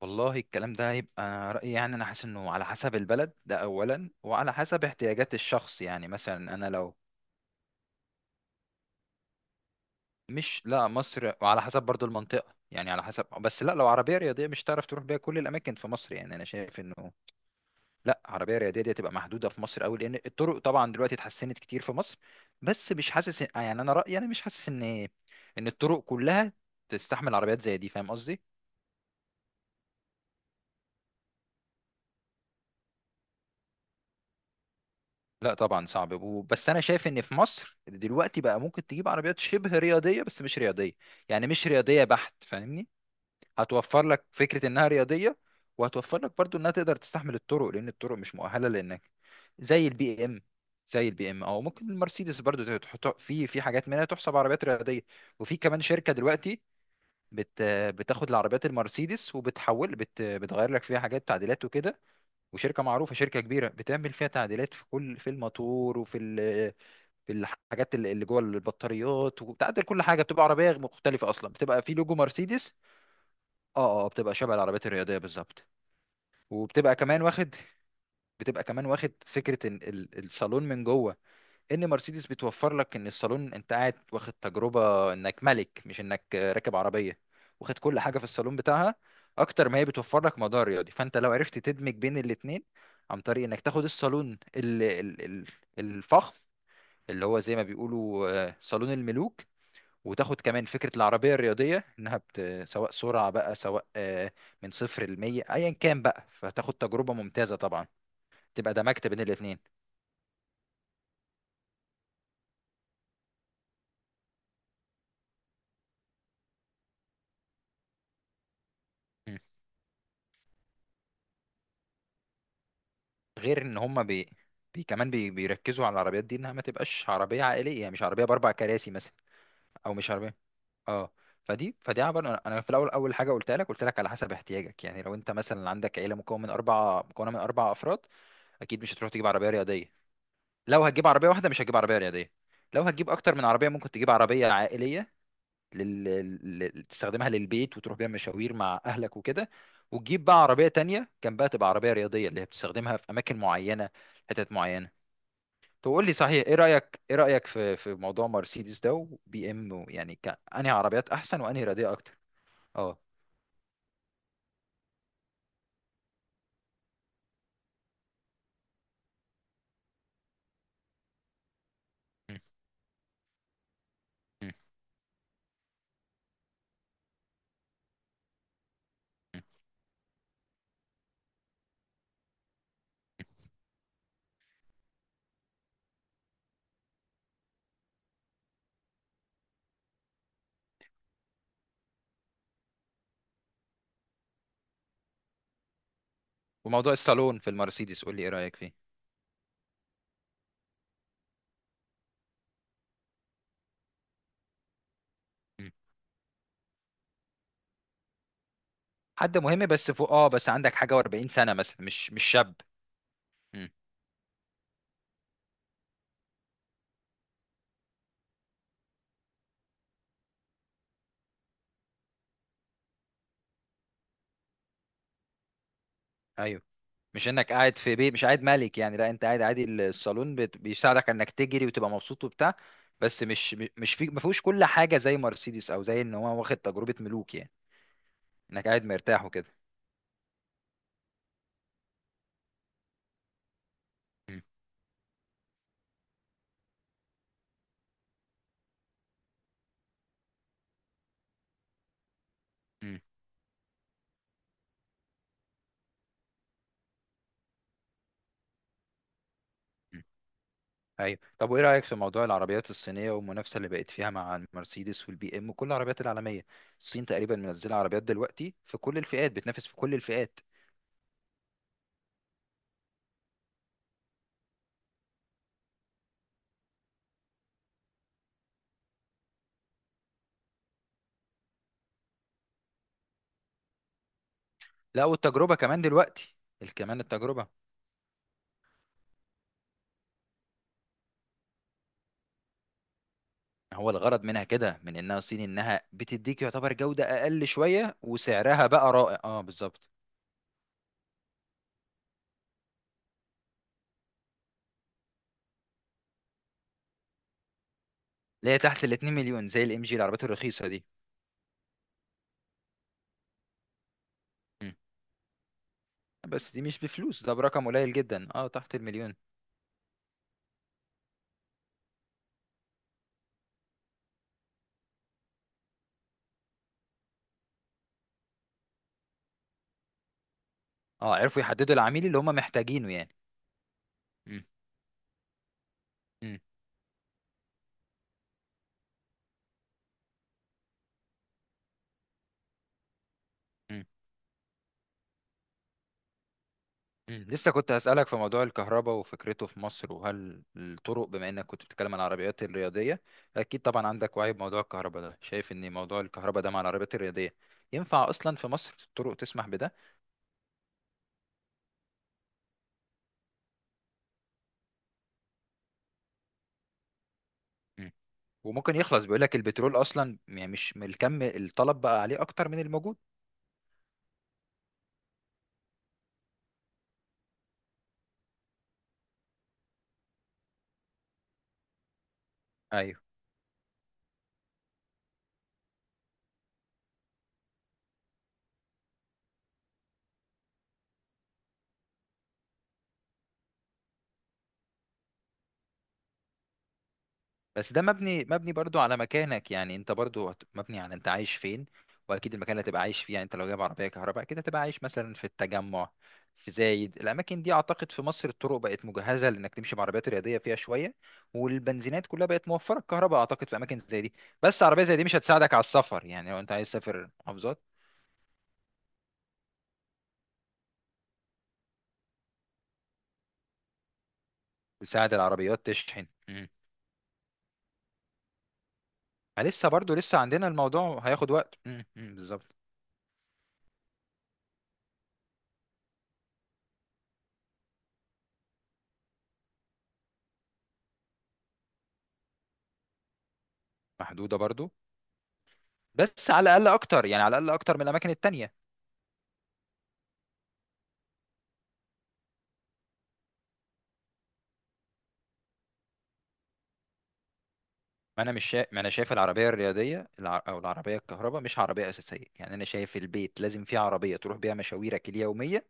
والله الكلام ده هيبقى، أنا رأيي يعني أنا حاسس إنه على حسب البلد ده أولا وعلى حسب احتياجات الشخص. يعني مثلا أنا لو مش، لا مصر، وعلى حسب برضو المنطقة، يعني على حسب، بس لا لو عربية رياضية مش تعرف تروح بيها كل الأماكن في مصر، يعني أنا شايف إنه لا، عربية رياضية دي تبقى محدودة في مصر أوي، لأن الطرق طبعا دلوقتي اتحسنت كتير في مصر، بس مش حاسس، يعني أنا رأيي، أنا مش حاسس إن الطرق كلها تستحمل عربيات زي دي. فاهم قصدي؟ لا طبعا صعب بس انا شايف ان في مصر دلوقتي بقى ممكن تجيب عربيات شبه رياضيه بس مش رياضيه، يعني مش رياضيه بحت، فاهمني؟ هتوفر لك فكره انها رياضيه، وهتوفر لك برضو انها تقدر تستحمل الطرق، لان الطرق مش مؤهله، لانك زي البي ام، زي البي ام، او ممكن المرسيدس برضو تحط في حاجات منها تحسب عربيات رياضيه. وفي كمان شركه دلوقتي بت بتاخد العربيات المرسيدس وبتحول، بتغير لك فيها حاجات، تعديلات وكده. وشركه معروفه، شركه كبيره بتعمل فيها تعديلات في كل، في الموتور وفي في الحاجات اللي جوه البطاريات، وبتعدل كل حاجه. بتبقى عربيه مختلفه اصلا، بتبقى في لوجو مرسيدس. اه، اه، بتبقى شبه العربيات الرياضيه بالظبط. وبتبقى كمان واخد، بتبقى كمان واخد فكره إن الصالون من جوه، ان مرسيدس بتوفر لك ان الصالون انت قاعد واخد تجربه انك ملك، مش انك راكب عربيه. واخد كل حاجه في الصالون بتاعها، اكتر ما هي بتوفر لك موضوع رياضي. فانت لو عرفت تدمج بين الاتنين، عن طريق انك تاخد الصالون الفخم، اللي هو زي ما بيقولوا صالون الملوك، وتاخد كمان فكرة العربية الرياضية، انها سواء سرعة بقى، سواء من صفر لمية ايا كان بقى، فتاخد تجربة ممتازة طبعا، تبقى دمجت بين الاتنين. غير ان هم بيركزوا على العربيات دي انها ما تبقاش عربيه عائليه، يعني مش عربيه باربع كراسي مثلا، او مش عربيه، اه. فدي عبارة، أنا في الاول، اول حاجه قلت لك على حسب احتياجك. يعني لو انت مثلا عندك عيله مكونه من اربع افراد، اكيد مش هتروح تجيب عربيه رياضيه. لو هتجيب عربيه واحده مش هتجيب عربيه رياضيه. لو هتجيب اكتر من عربيه ممكن تجيب عربيه عائليه لل... تستخدمها للبيت وتروح بيها مشاوير مع اهلك وكده، وتجيب بقى عربيه تانية جنبها تبقى عربيه رياضيه، اللي هي بتستخدمها في اماكن معينه، حتت معينه. تقول لي صحيح، ايه رايك، ايه رايك في في موضوع مرسيدس ده وبي ام، يعني انهي عربيات احسن وانهي رياضيه اكتر؟ اه. مم. مم. مم. وموضوع الصالون في المرسيدس قول لي ايه رايك فيه. مم. حد مهم بس فوق، اه، بس عندك حاجه و40 سنه مثلا، مش شاب. مم. ايوه، مش انك قاعد في بيت، مش قاعد ملك يعني، لا انت قاعد عادي. الصالون بيساعدك انك تجري وتبقى مبسوط وبتاع، بس مش في، ما فيهوش كل حاجه زي مرسيدس، او زي ان هو واخد تجربه ملوك يعني، انك قاعد مرتاح وكده. مم. مم. ايوه. طب وايه رايك في موضوع العربيات الصينيه والمنافسه اللي بقت فيها مع المرسيدس والبي ام وكل العربيات العالميه؟ الصين تقريبا منزله عربيات دلوقتي في كل الفئات، بتنافس في كل الفئات. لا، والتجربه كمان دلوقتي، كمان التجربه. هو الغرض منها كده، من انها صين، انها بتديك يعتبر جوده اقل شويه وسعرها بقى رائع. اه بالظبط، اللي هي تحت ال 2 مليون، زي الام جي، العربيات الرخيصه دي. مم. بس دي مش بفلوس، ده برقم قليل جدا، اه تحت المليون. اه، عرفوا يحددوا العميل اللي هم محتاجينه يعني. مم. مم. مم. لسه كنت هسألك في موضوع الكهرباء وفكرته في مصر، وهل الطرق، بما انك كنت بتتكلم عن العربيات الرياضية، اكيد طبعا عندك وعي بموضوع الكهرباء ده، شايف ان موضوع الكهرباء ده مع العربيات الرياضية ينفع اصلا في مصر؟ الطرق تسمح بده؟ مم. وممكن يخلص، بيقول لك البترول اصلا يعني مش، من الكم، الطلب بقى عليه اكتر من الموجود. ايوه، بس ده مبني، مبني برضو على مكانك، يعني انت برضو مبني على انت عايش فين، واكيد المكان اللي هتبقى عايش فيه. يعني انت لو جايب عربيه كهرباء كده هتبقى عايش مثلا في التجمع، في زايد، الاماكن دي اعتقد في مصر الطرق بقت مجهزه لانك تمشي بعربيات رياضيه فيها شويه، والبنزينات كلها بقت موفره الكهرباء اعتقد في اماكن زي دي. بس عربيه زي دي مش هتساعدك على السفر، يعني لو انت عايز تسافر محافظات. تساعد العربيات تشحن. فلسه برضو، لسه عندنا الموضوع هياخد وقت. بالظبط. محدوده برضو، بس على الاقل اكتر، يعني على الاقل اكتر من الاماكن التانية. ما انا شايف العربيه الرياضيه او العربيه الكهرباء مش عربيه اساسيه، يعني انا شايف البيت لازم فيه عربيه تروح بيها مشاويرك اليوميه،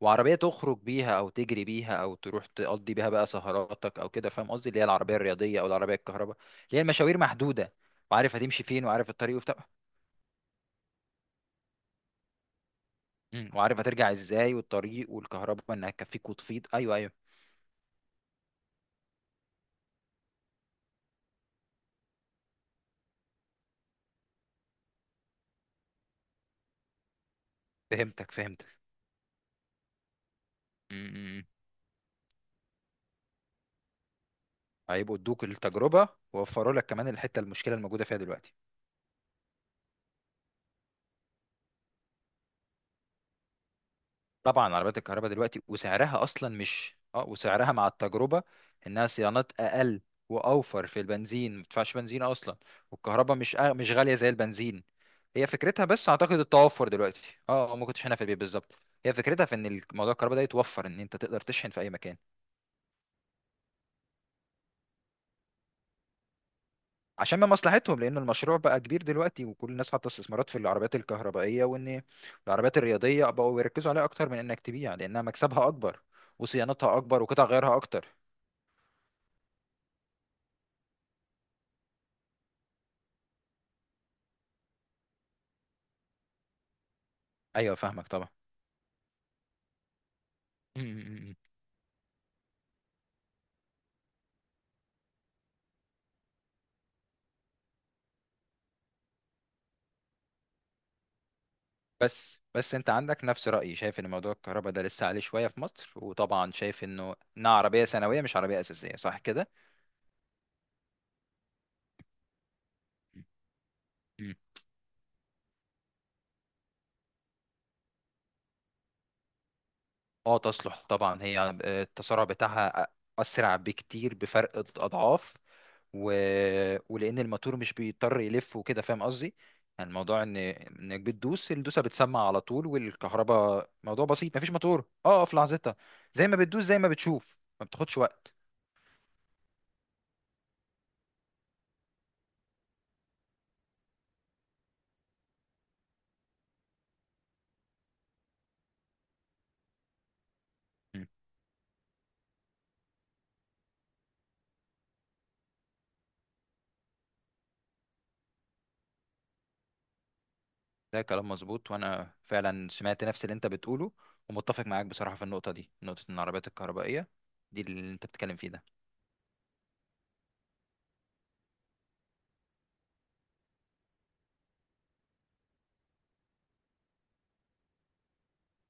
وعربيه تخرج بيها او تجري بيها او تروح تقضي بيها بقى سهراتك او كده، فاهم قصدي، اللي هي العربيه الرياضيه او العربيه الكهرباء، اللي هي المشاوير محدوده، وعارف هتمشي فين، وعارف الطريق وبتاع. مم. وعارف هترجع ازاي، والطريق، والكهرباء انها تكفيك وتفيض. ايوه، ايوه. فهمتك، فهمتك. مم. مم، مم. هيبقوا ادوك التجربه، ووفروا لك كمان الحته المشكله الموجوده فيها دلوقتي. طبعا عربيات الكهرباء دلوقتي وسعرها اصلا مش، اه وسعرها مع التجربه، انها صيانات اقل، واوفر في البنزين، ما بتدفعش بنزين اصلا، والكهرباء مش غاليه زي البنزين. هي فكرتها، بس اعتقد التوفر دلوقتي، ما كنتش هنا في البيت بالظبط. هي فكرتها في ان الموضوع الكهرباء ده يتوفر ان انت تقدر تشحن في اي مكان. عشان من مصلحتهم، لان المشروع بقى كبير دلوقتي، وكل الناس حاطه استثمارات في العربيات الكهربائيه، وان العربيات الرياضيه بقوا بيركزوا عليها اكتر من انك تبيع، لانها مكسبها اكبر، وصيانتها اكبر، وقطع غيارها اكتر. ايوه فاهمك طبعا. مم، مم، مم. بس انت عندك نفس رأيي، شايف ان موضوع الكهرباء ده لسه عليه شوية في مصر، وطبعا شايف انه انها عربية ثانوية مش عربية أساسية، صح كده؟ مم. اه تصلح طبعا، هي التسارع بتاعها أسرع بكتير بفرق، أضعاف، و... ولأن الموتور مش بيضطر يلف وكده، فاهم قصدي؟ يعني الموضوع ان انك بتدوس الدوسة بتسمع على طول، والكهرباء موضوع بسيط، مفيش موتور، في لحظتها، زي ما بتدوس زي ما بتشوف، ما بتاخدش وقت. ده كلام مظبوط، وانا فعلا سمعت نفس اللي انت بتقوله، ومتفق معاك بصراحة في النقطة دي، نقطة ان العربيات الكهربائية دي اللي انت بتتكلم فيه ده.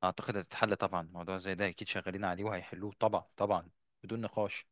اعتقد هتتحل طبعا، موضوع زي ده اكيد شغالين عليه وهيحلوه طبعا، طبعا، بدون نقاش.